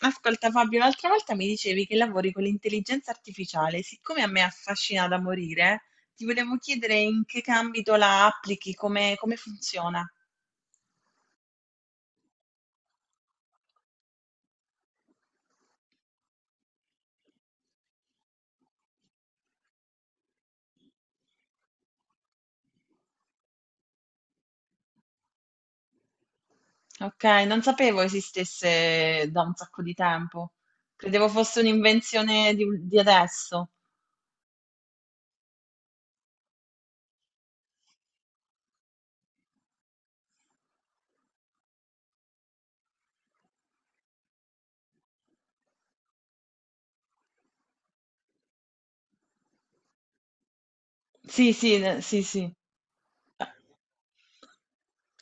Ascolta Fabio, l'altra volta mi dicevi che lavori con l'intelligenza artificiale. Siccome a me affascina da morire, ti volevo chiedere in che ambito la applichi, come, come funziona. Ok, non sapevo esistesse da un sacco di tempo, credevo fosse un'invenzione di adesso. Sì.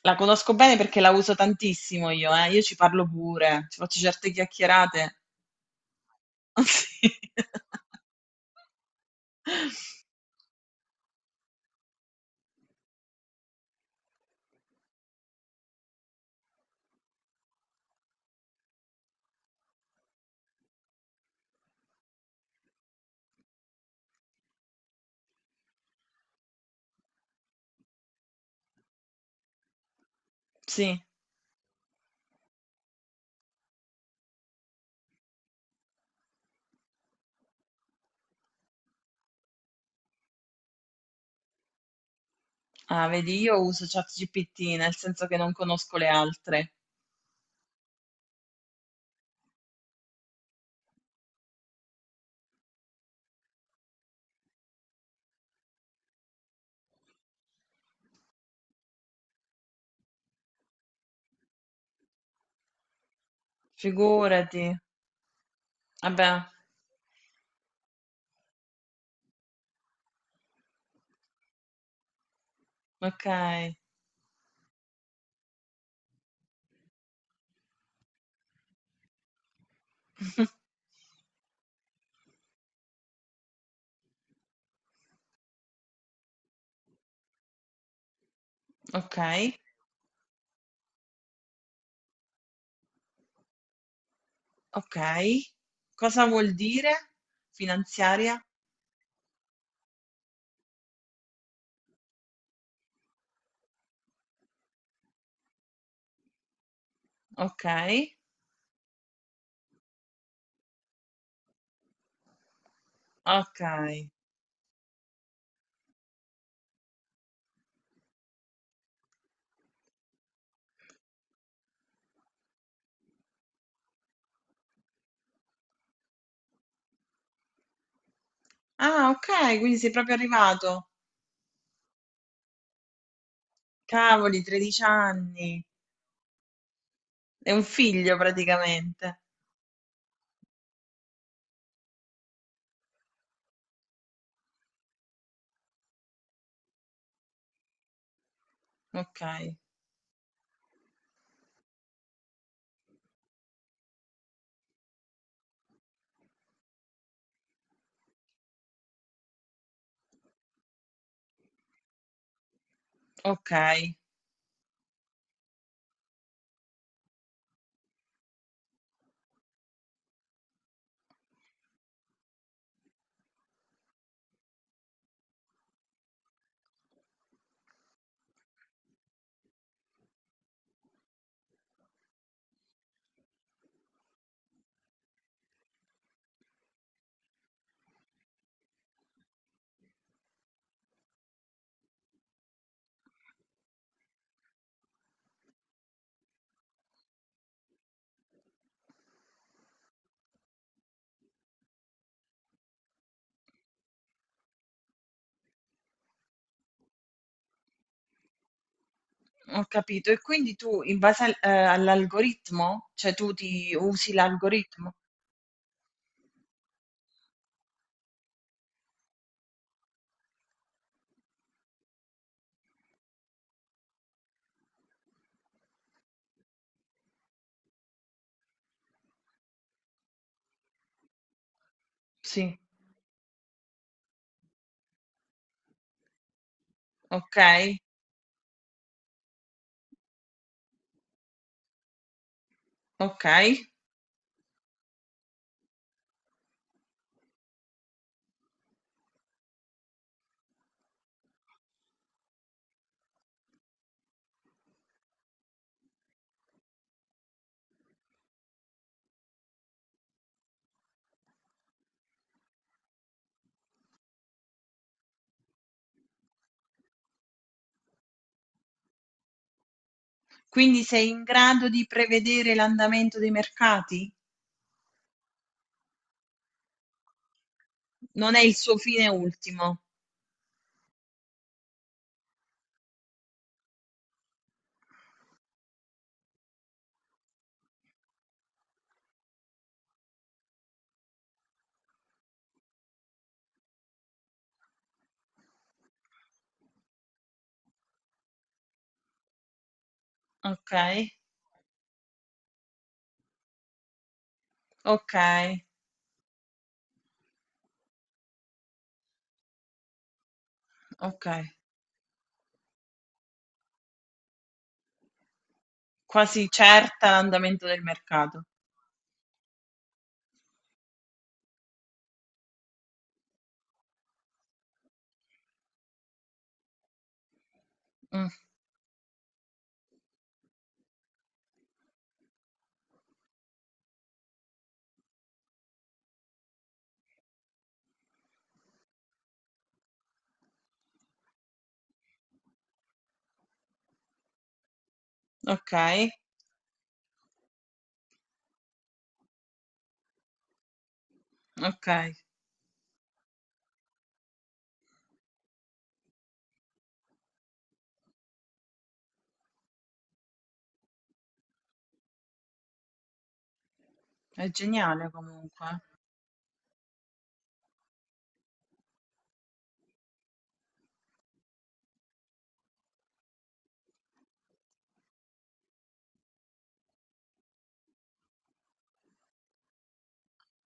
La conosco bene perché la uso tantissimo io, eh. Io ci parlo pure, ci faccio certe chiacchierate. Sì. Ah, vedi, io uso ChatGPT, nel senso che non conosco le altre. Figurati. Vabbè, ok. Ok, ok. Cosa vuol dire finanziaria? Ok, ok. Ah, ok, quindi sei proprio arrivato. Cavoli, 13 anni. È un figlio praticamente. Ok, ok. Ho capito. E quindi tu, in base all'algoritmo, cioè tu ti usi l'algoritmo? Sì. Okay, okay. Quindi sei in grado di prevedere l'andamento dei mercati? Non è il suo fine ultimo. Okay, okay, okay. Quasi certa l'andamento del mercato. Mh, okay, okay. È geniale comunque.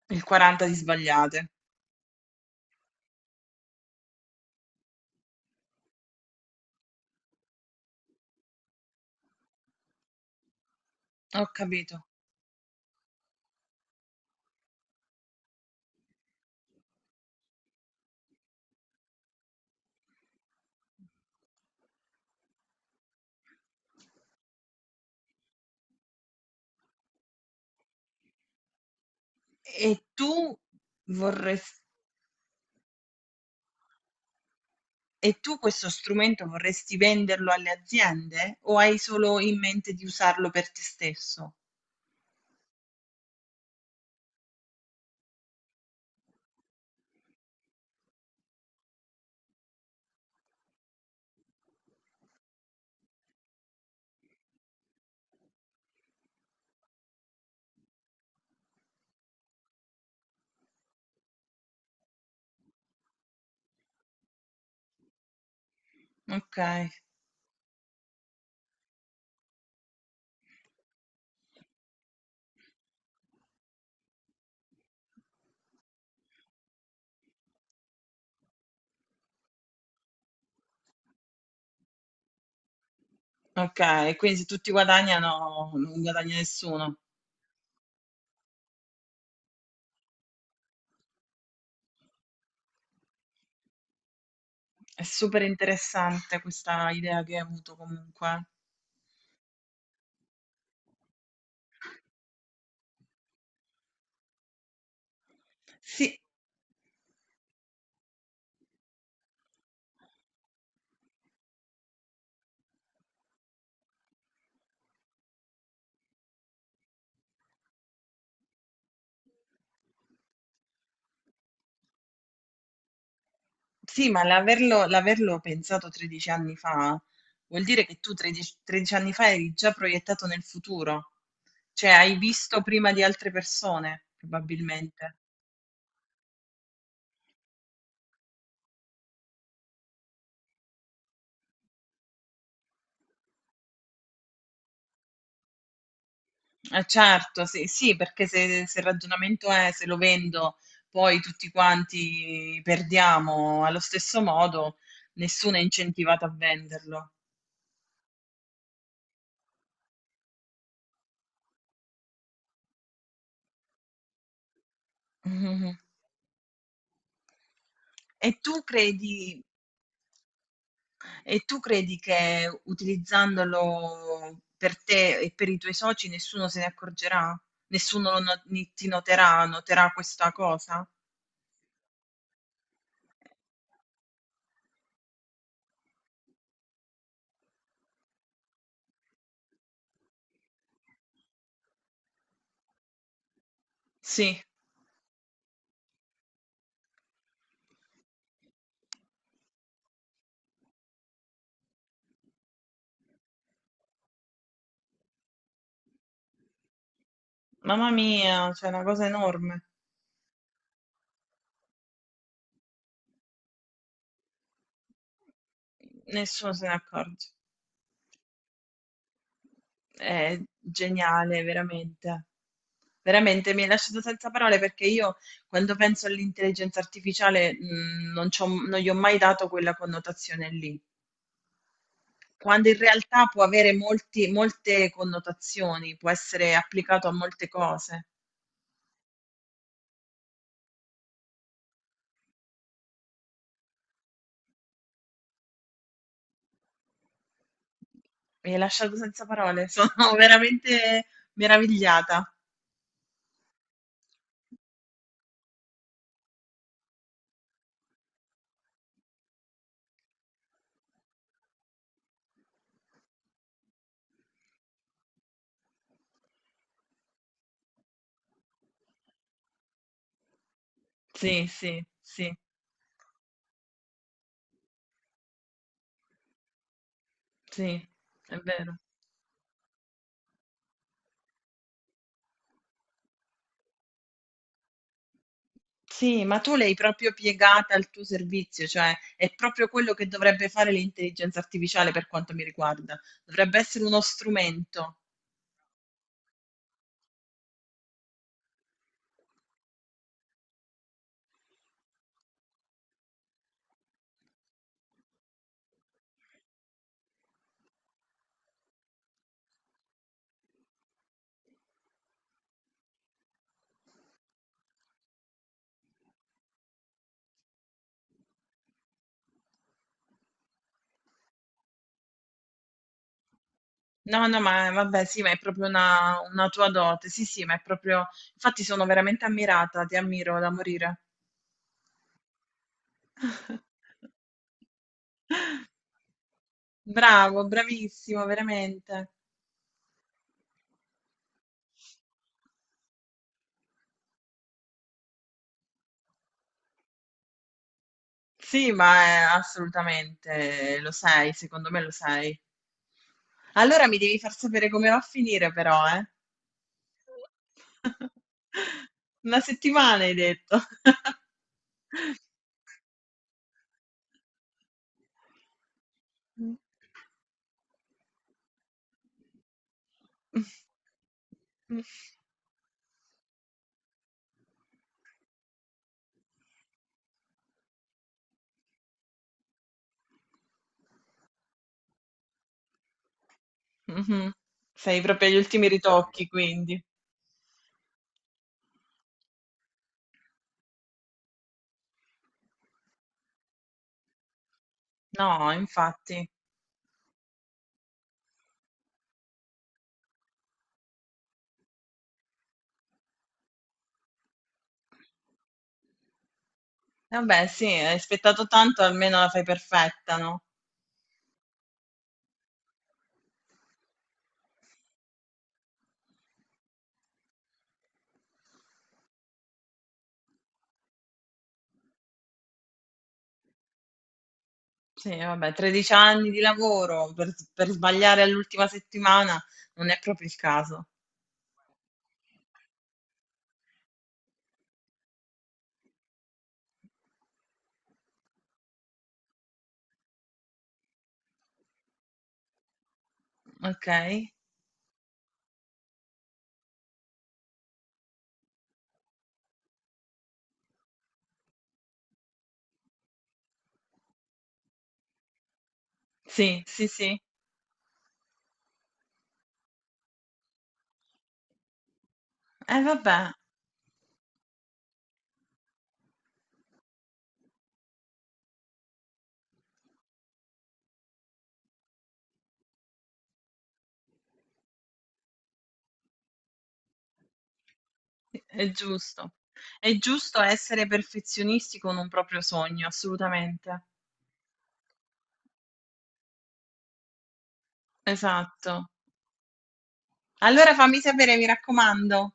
Eh. Il 40 di sbagliate. Ho capito. E tu vorres e tu questo strumento vorresti venderlo alle aziende o hai solo in mente di usarlo per te stesso? Okay. Okay, quindi se tutti guadagnano, non guadagna nessuno. È super interessante questa idea che hai avuto comunque. Sì, sì, ma l'averlo pensato 13 anni fa vuol dire che tu 13 anni fa eri già proiettato nel futuro. Cioè, hai visto prima di altre persone, probabilmente. Eh certo, sì, sì, perché se il ragionamento è "se lo vendo poi tutti quanti perdiamo allo stesso modo", nessuno è incentivato a venderlo. Mhm. E tu credi, e tu credi che utilizzandolo per te e per i tuoi soci nessuno se ne accorgerà? Nessuno lo no- ni- ti noterà, noterà questa cosa? Sì, mamma mia, c'è una cosa enorme. Nessuno se ne accorge. È geniale, veramente. Veramente mi hai lasciato senza parole, perché io quando penso all'intelligenza artificiale non gli ho mai dato quella connotazione lì, quando in realtà può avere molte connotazioni, può essere applicato a molte cose. Mi hai lasciato senza parole, sono veramente meravigliata. Sì, sì, sì, sì, è vero. Sì, ma tu l'hai proprio piegata al tuo servizio, cioè è proprio quello che dovrebbe fare l'intelligenza artificiale per quanto mi riguarda. Dovrebbe essere uno strumento. No, no, ma vabbè, sì, ma è proprio una tua dote. Sì, sì, ma è proprio... Infatti sono veramente ammirata, ti ammiro da morire. Bravo, bravissimo, veramente. Sì, ma assolutamente lo sei, secondo me lo sei. Allora mi devi far sapere come va a finire, però, eh. Una settimana hai detto. Mh. Mh. Mh. Mh-mh. Sei proprio agli ultimi ritocchi quindi. No, infatti. Vabbè sì, hai aspettato tanto, almeno la fai perfetta, no? Sì, vabbè, 13 anni di lavoro per s per sbagliare all'ultima settimana non è proprio il caso. Okay. Sì, sì, sì. Vabbè. È giusto. È giusto essere perfezionisti con un proprio sogno, assolutamente. Esatto. Allora fammi sapere, mi raccomando.